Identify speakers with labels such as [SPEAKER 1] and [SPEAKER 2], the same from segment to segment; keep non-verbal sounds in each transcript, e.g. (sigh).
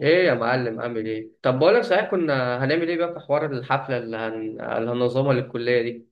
[SPEAKER 1] ايه يا معلم عامل ايه؟ طب بقولك صحيح، كنا هنعمل ايه بقى في حوار الحفله اللي هننظمها للكليه دي؟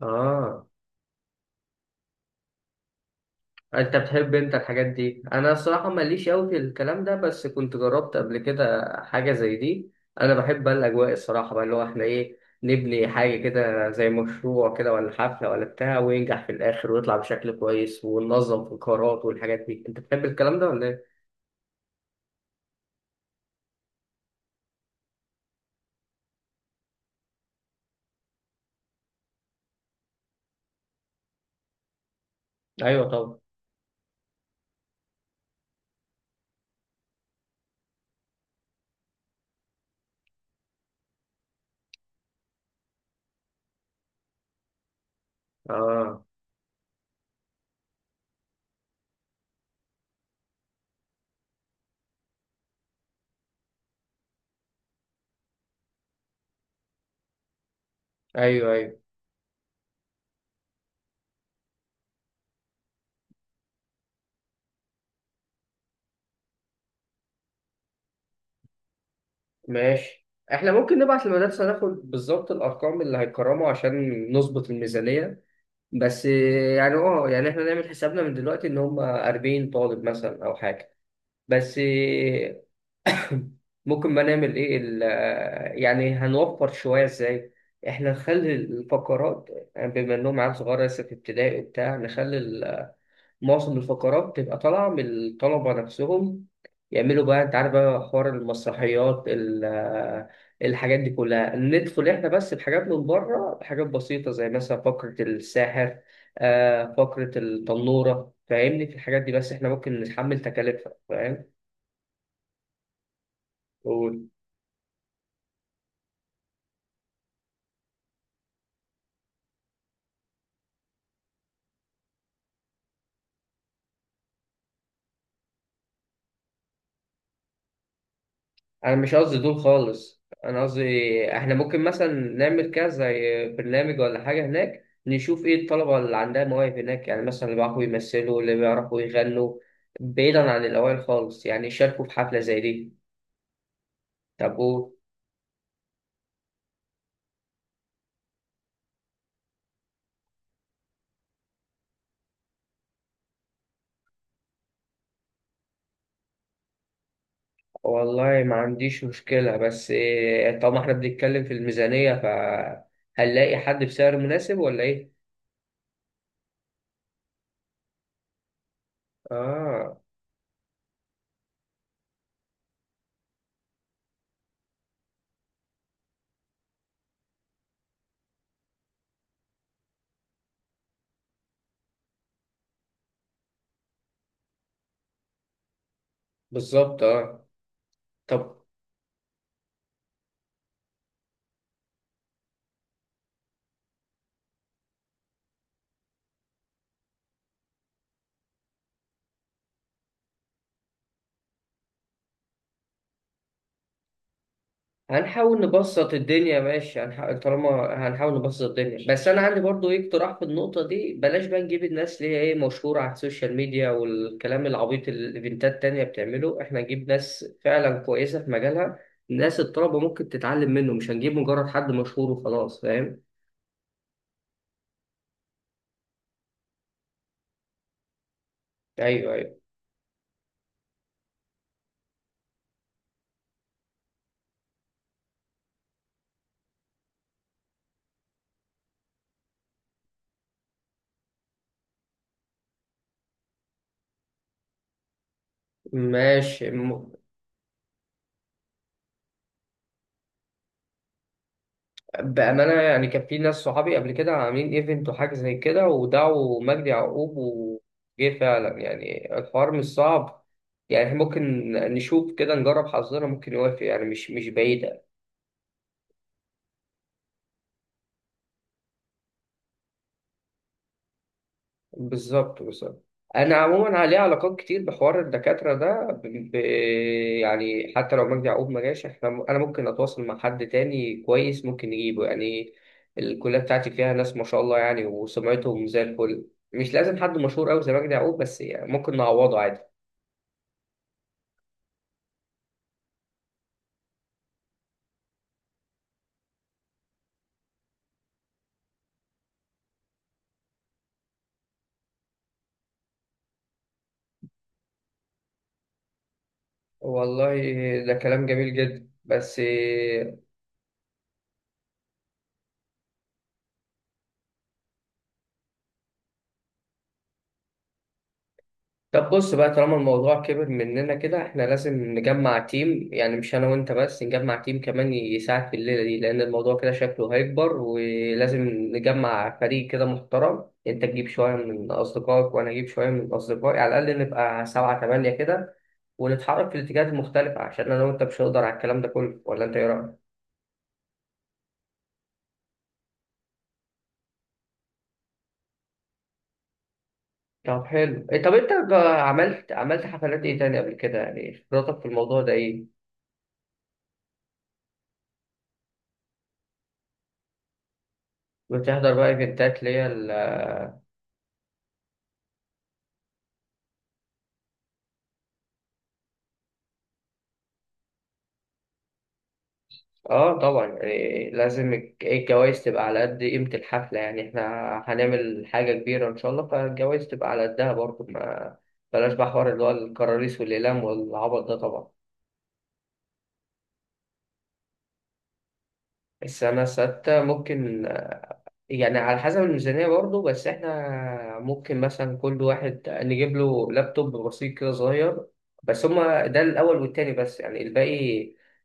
[SPEAKER 1] اه، انت بتحب انت الحاجات دي؟ انا الصراحه ماليش قوي في الكلام ده، بس كنت جربت قبل كده حاجه زي دي. انا بحب بقى الاجواء الصراحه، بقى اللي هو احنا ايه، نبني حاجه كده زي مشروع كده ولا حفله ولا بتاع، وينجح في الاخر ويطلع بشكل كويس وننظم في القرارات والحاجات دي. انت بتحب الكلام ده ولا ايه؟ ايوه طبعا. اه. ايوه. ماشي. احنا ممكن نبعت للمدرسة ناخد بالظبط الأرقام اللي هيكرموا عشان نظبط الميزانية. بس يعني اه يعني احنا نعمل حسابنا من دلوقتي إن هم 40 طالب مثلا أو حاجة. بس (coughs) ممكن ما نعمل ايه يعني هنوفر شوية ازاي؟ احنا نخلي الفقرات، يعني بما انهم عيال صغيرة لسه في ابتدائي وبتاع، نخلي معظم الفقرات بتبقى طالعة من الطلبة نفسهم، يعملوا بقى انت عارف بقى حوار المسرحيات الحاجات دي كلها. ندخل احنا بس بحاجات من بره، بحاجات بسيطة زي مثلا فقرة الساحر، فقرة التنورة، فاهمني؟ في الحاجات دي بس احنا ممكن نتحمل تكاليفها، فاهم؟ انا مش قصدي دول خالص، انا قصدي احنا ممكن مثلا نعمل كذا زي برنامج ولا حاجه هناك، نشوف ايه الطلبه اللي عندها مواهب هناك، يعني مثلا اللي بيعرفوا يمثلوا، اللي بيعرفوا يغنوا، بعيدا عن الاوائل خالص، يعني يشاركوا في حفله زي دي. طب والله ما عنديش مشكله، بس إيه، طالما احنا بنتكلم في الميزانيه، فهنلاقي حد بسعر مناسب ولا ايه؟ اه. بالظبط اه. طب هنحاول نبسط الدنيا، ماشي، هنحاول طالما. هنحاول نبسط الدنيا، بس انا عندي برضو ايه اقتراح في النقطه دي. بلاش بقى نجيب الناس اللي هي ايه، مشهوره على السوشيال ميديا، والكلام العبيط اللي الايفنتات التانية بتعمله. احنا نجيب ناس فعلا كويسه في مجالها، ناس الطلبه ممكن تتعلم منه، مش هنجيب مجرد حد مشهور وخلاص، فاهم؟ ايوه. ماشي. بأمانة يعني كان في ناس صحابي قبل كده عاملين ايفنت وحاجة زي كده، ودعوا مجدي يعقوب وجه فعلا. يعني الحوار مش صعب. يعني إحنا ممكن نشوف كده، نجرب حظنا، ممكن يوافق، يعني مش بعيدة. بالظبط. انا عموما عليه علاقات كتير بحوار الدكاتره ده يعني حتى لو مجدي يعقوب ما جاش، احنا انا ممكن اتواصل مع حد تاني كويس ممكن نجيبه يعني. الكليه بتاعتي فيها ناس ما شاء الله يعني، وسمعتهم زي الفل. مش لازم حد مشهور قوي زي مجدي يعقوب، بس يعني ممكن نعوضه عادي. والله ده كلام جميل جدا، بس طب بص بقى، طالما الموضوع كبر مننا كده، احنا لازم نجمع تيم، يعني مش انا وانت بس، نجمع تيم كمان يساعد في الليلة دي، لان الموضوع كده شكله هيكبر، ولازم نجمع فريق كده محترم. انت تجيب شوية من اصدقائك، وانا اجيب شوية من اصدقائي، على الاقل نبقى سبعة تمانية كده، ونتحرك في الاتجاهات المختلفة، عشان انا وانت مش هنقدر على الكلام ده كله، ولا انت ايه رأيك؟ طب حلو، إيه، طب عملت حفلات ايه تاني قبل كده؟ يعني خبرتك في الموضوع ده ايه؟ بتحضر بقى ايفنتات اللي هي اه. طبعا، إيه، لازم الجوايز تبقى على قد قيمة الحفلة. يعني احنا هنعمل حاجة كبيرة ان شاء الله، فالجوايز تبقى على قدها برضه ما. بلاش بقى حوار اللي هو الكراريس والإقلام والعبط ده طبعا. السنة الستة ممكن يعني على حسب الميزانية برضه، بس احنا ممكن مثلا كل واحد نجيب له لابتوب بسيط كده صغير. بس هما ده الأول والتاني بس، يعني الباقي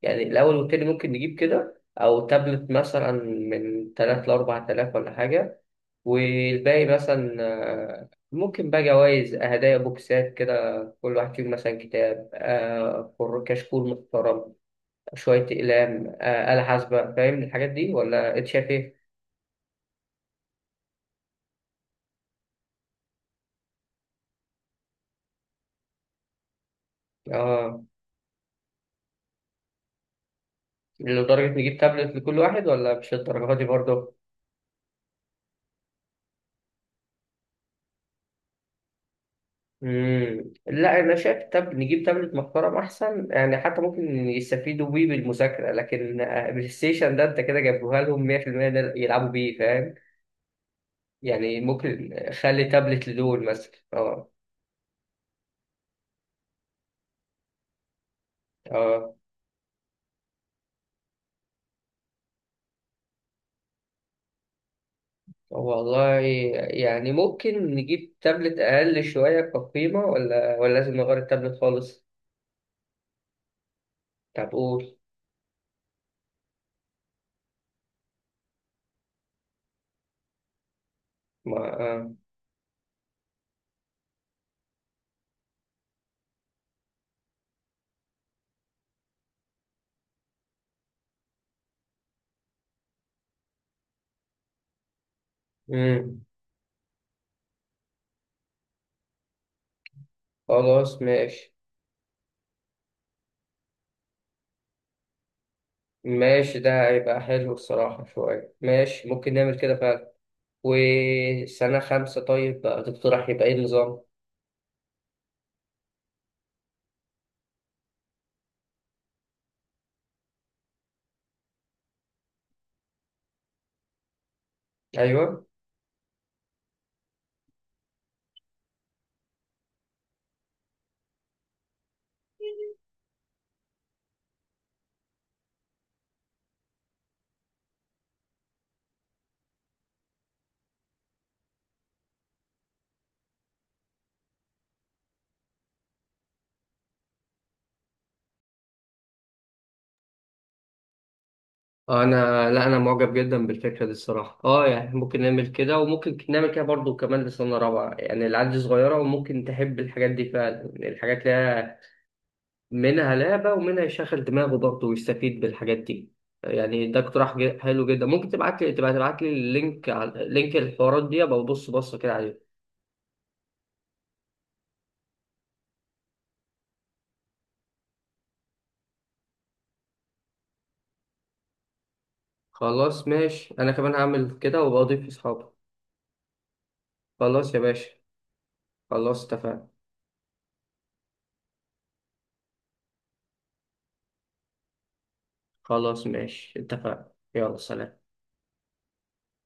[SPEAKER 1] يعني. الأول والتاني ممكن نجيب كده، أو تابلت مثلا من تلات لأربع تلاف ولا حاجة. والباقي مثلا ممكن بقى جوايز هدايا بوكسات كده، كل واحد فيهم مثلا كتاب، كشكول محترم، شوية أقلام، آلة حاسبة. فاهم الحاجات دي، ولا أنت شايف إيه؟ آه. لدرجة نجيب تابلت لكل واحد، ولا مش الدرجة دي برضه؟ مم. لا، أنا شايف نجيب تابلت محترم أحسن، يعني حتى ممكن يستفيدوا بيه بالمذاكرة، لكن بلاي ستيشن ده أنت كده جايبوها لهم 100%، ده يلعبوا بيه فاهم؟ يعني ممكن. خلي تابلت لدول مثلا آه. آه. والله يعني ممكن نجيب تابلت أقل شوية كقيمة، ولا لازم نغير التابلت خالص؟ طب قول. ما آه. مم. خلاص ماشي. ماشي، ده هيبقى حلو الصراحة شوية، ماشي ممكن نعمل كده فعلا. وسنة خمسة طيب بقى تقترح يبقى ايه النظام؟ أيوه. أنا لا، أنا معجب جدا بالفكرة دي الصراحة، أه، يعني ممكن نعمل كده، وممكن نعمل كده برضو كمان لسنة رابعة. يعني العيال دي صغيرة وممكن تحب الحاجات دي فعلا، يعني الحاجات اللي هي منها لعبة ومنها يشغل دماغه برضه ويستفيد بالحاجات دي. يعني ده اقتراح حلو جدا. ممكن تبعت لي، تبقى تبعت لي اللينك على لينك الحوارات دي، ابقى ببص بصة كده عليه. خلاص ماشي، انا كمان هعمل كده وابقى اضيف اصحابي. خلاص يا باشا. خلاص اتفقنا. خلاص ماشي، اتفقنا، يلا سلام.